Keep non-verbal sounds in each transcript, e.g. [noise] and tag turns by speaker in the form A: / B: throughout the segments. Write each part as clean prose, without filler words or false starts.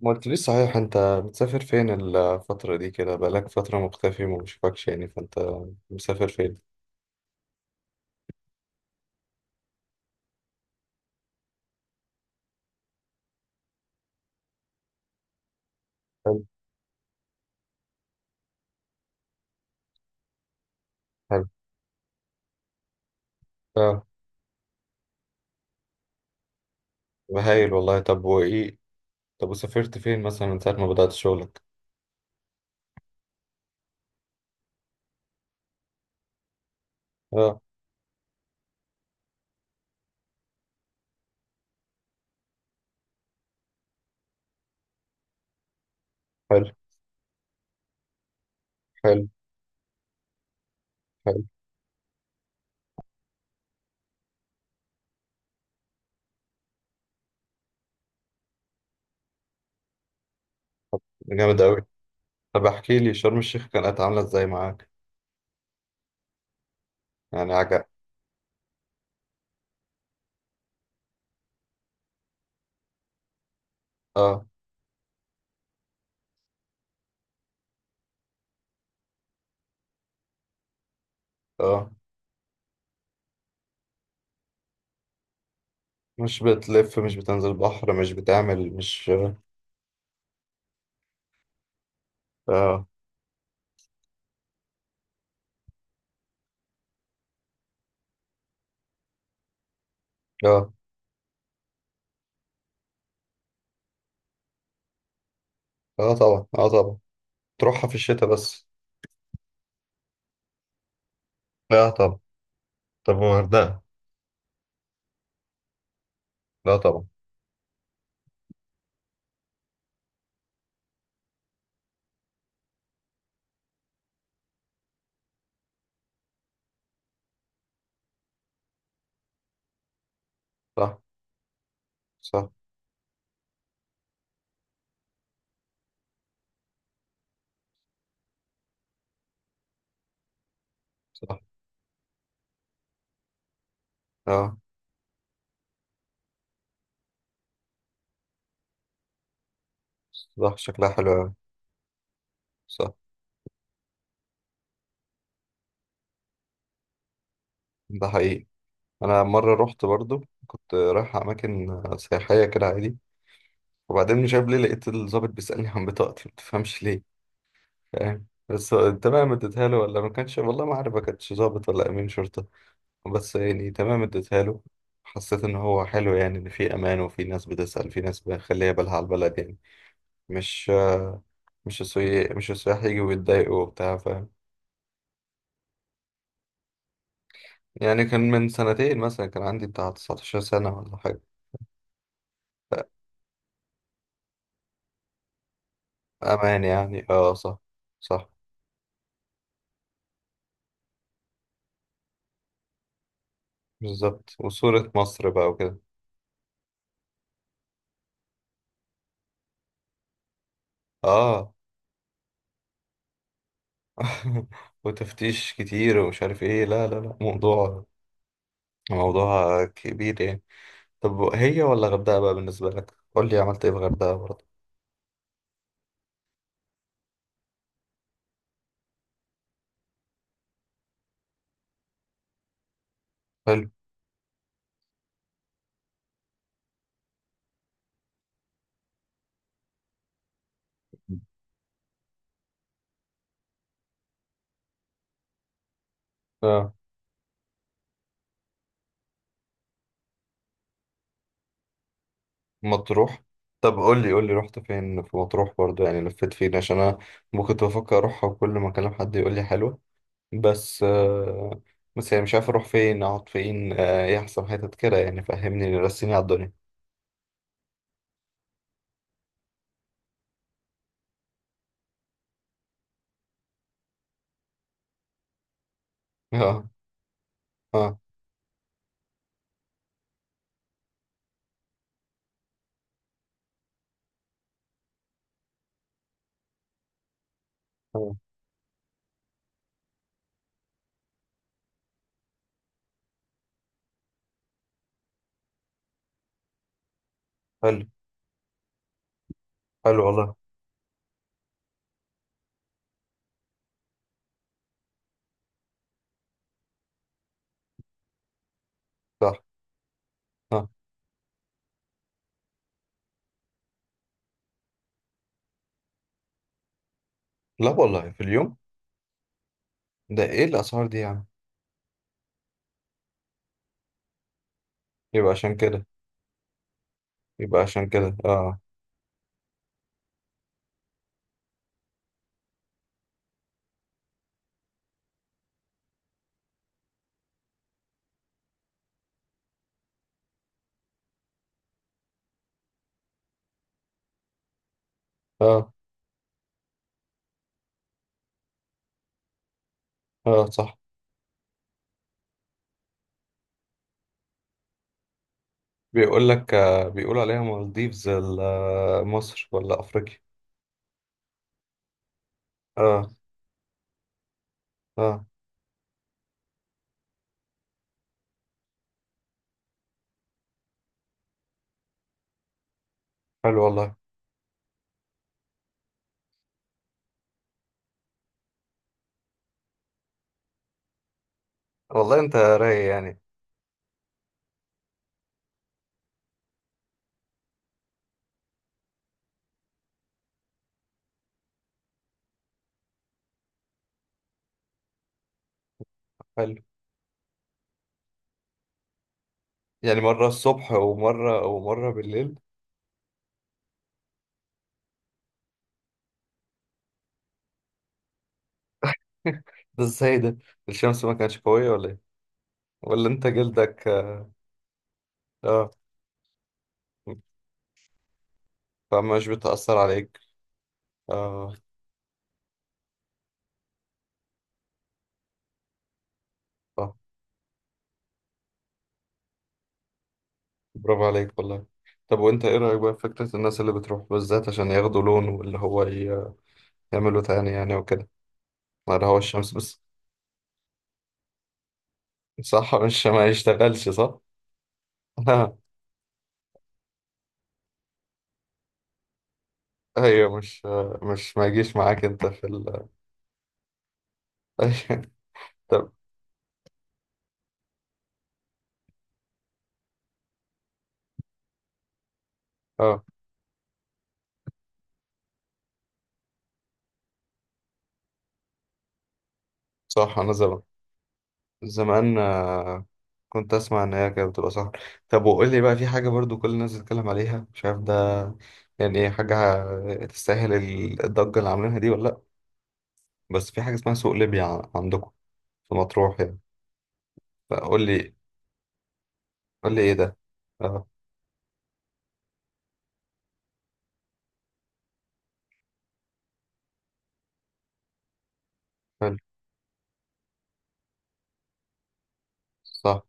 A: ما قلتليش صحيح، انت بتسافر فين الفترة دي؟ كده بقالك فترة مختفي وما بشوفكش يعني، فانت مسافر فين؟ حلو. حلو. اه. طب هايل والله. طب وايه؟ طب وسافرت فين مثلا من ساعة ما بدأت شغلك؟ اه. حلو. حلو. حلو. جامد اوي. طب احكي لي، شرم الشيخ كانت عاملة ازاي معاك؟ يعني عجب؟ اه. اه. مش بتلف، مش بتنزل بحر، مش بتعمل، مش اه. اه. اه. آه طبعا. اه طبعا. تروحها في الشتاء بس. لا طبعا. طب والغردقة؟ لا طبعا. صح. صح. صح اه صح، شكلها حلو أوي. صح. ده حقيقي. أنا مرة رحت برضو، كنت رايح أماكن سياحية كده عادي، وبعدين مش عارف ليه لقيت الضابط بيسألني عن بطاقتي، متفهمش ليه، فاهم؟ بس تمام اديتها له، ولا ما كانش، والله ما عارف، ما كانش ضابط ولا أمين شرطة، بس يعني تمام اديتها له. حسيت إن هو حلو يعني، إن في أمان وفي ناس بتسأل، في ناس مخلية بالها على البلد يعني. مش مش السياح يجوا ويتضايقوا وبتاع، فاهم؟ يعني كان من سنتين مثلا، كان عندي بتاع 19 سنة ولا حاجة. أمان يعني، اه صح. صح. بالظبط، وصورة مصر بقى وكده. اه. [laughs] وتفتيش كتير ومش عارف ايه، لا لا لا، موضوع كبير يعني. طب هي ولا غردقة بقى بالنسبة لك، قول لي، عملت ايه في غردقة برضه؟ حلو. اه. مطروح. طب قول لي رحت فين في مطروح برضه يعني، لفيت فين؟ عشان انا ممكن كنت بفكر اروحها، وكل ما اكلم حد يقول لي حلوة. بس آه، بس يعني مش عارف اروح فين اقعد فين، ايه احسن حتت كده يعني، فهمني رسيني على الدنيا. [laughs] اه. اه. آه. حلو. حلو والله. صح. اه. لا والله في اليوم! ده ايه الاسعار دي يعني؟ يبقى عشان كده. يبقى عشان كده، اه. اه. اه. صح. بيقول لك، آه، بيقول عليها مالديفز، مصر ولا افريقيا؟ اه. اه. حلو والله. والله انت رايق يعني. حلو. يعني مرة الصبح ومرة بالليل. ده ازاي ده؟ الشمس ما كانتش قوية ولا ايه؟ ولا انت جلدك؟ اه. فمش بتأثر عليك. اه. اه. برافو عليك والله. طب، وانت ايه رأيك بقى في فكرة الناس اللي بتروح بالذات عشان ياخدوا لون، واللي هو يعملوا تاني يعني وكده، ولا هو الشمس بس؟ صح، مش ما يشتغلش؟ صح. [laughs] ايوه. مش ما يجيش معاك انت في ال [laughs] طب. اه صح. انا زمان، زمان كنت اسمع ان هي كانت بتبقى، صح. طب وقول لي بقى، في حاجه برضو كل الناس بتتكلم عليها مش عارف ده يعني ايه، حاجه تستاهل الضجه اللي عاملينها دي ولا لا؟ بس في حاجه اسمها سوق ليبيا عندكم في مطروح يعني، فقول لي، قول لي ايه ده؟ اه. حلو. صح.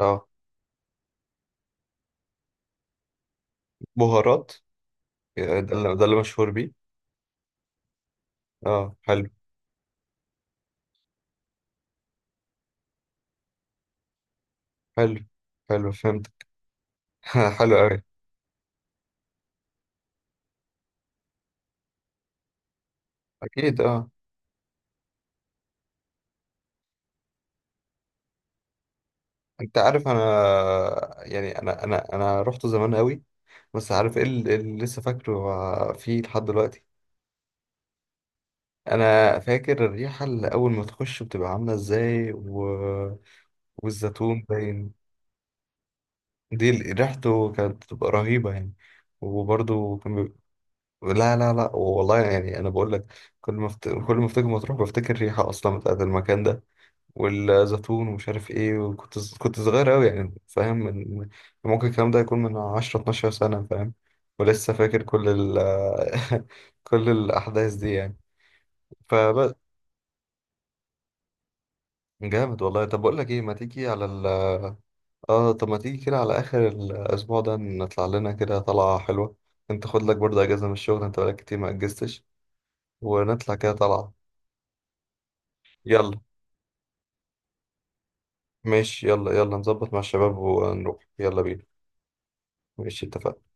A: اه بهارات. ده اللي مشهور بيه. اه. حلو. حلو. حلو فهمت. [laughs] حلو قوي. اكيد اه. انت عارف انا، يعني انا رحت زمان قوي. بس عارف ايه اللي لسه فاكره فيه لحد دلوقتي؟ انا فاكر الريحه اللي اول ما تخش بتبقى عامله ازاي والزيتون باين. دي ريحته كانت بتبقى رهيبه يعني. وبرده كان بيبقى. لا لا لا والله، يعني انا بقول لك. كل ما افتكر مطروح بفتكر الريحه اصلا بتاعت المكان ده، والزيتون ومش عارف ايه. وكنت كنت صغير أوي يعني، فاهم؟ من ممكن الكلام ده يكون من 10 12 سنة، فاهم؟ ولسه فاكر كل ال [laughs] كل الأحداث دي يعني، فبس. جامد والله. طب بقول لك ايه، ما تيجي على ال، اه طب ما تيجي كده على آخر الأسبوع ده، نطلع لنا كده طلعة حلوة. انت خد لك برضه أجازة من الشغل، انت بقالك كتير ما أجزتش، ونطلع كده طلعة. يلا. ماشي، يلا يلا نظبط مع الشباب ونروح. يلا بينا. ماشي اتفقنا.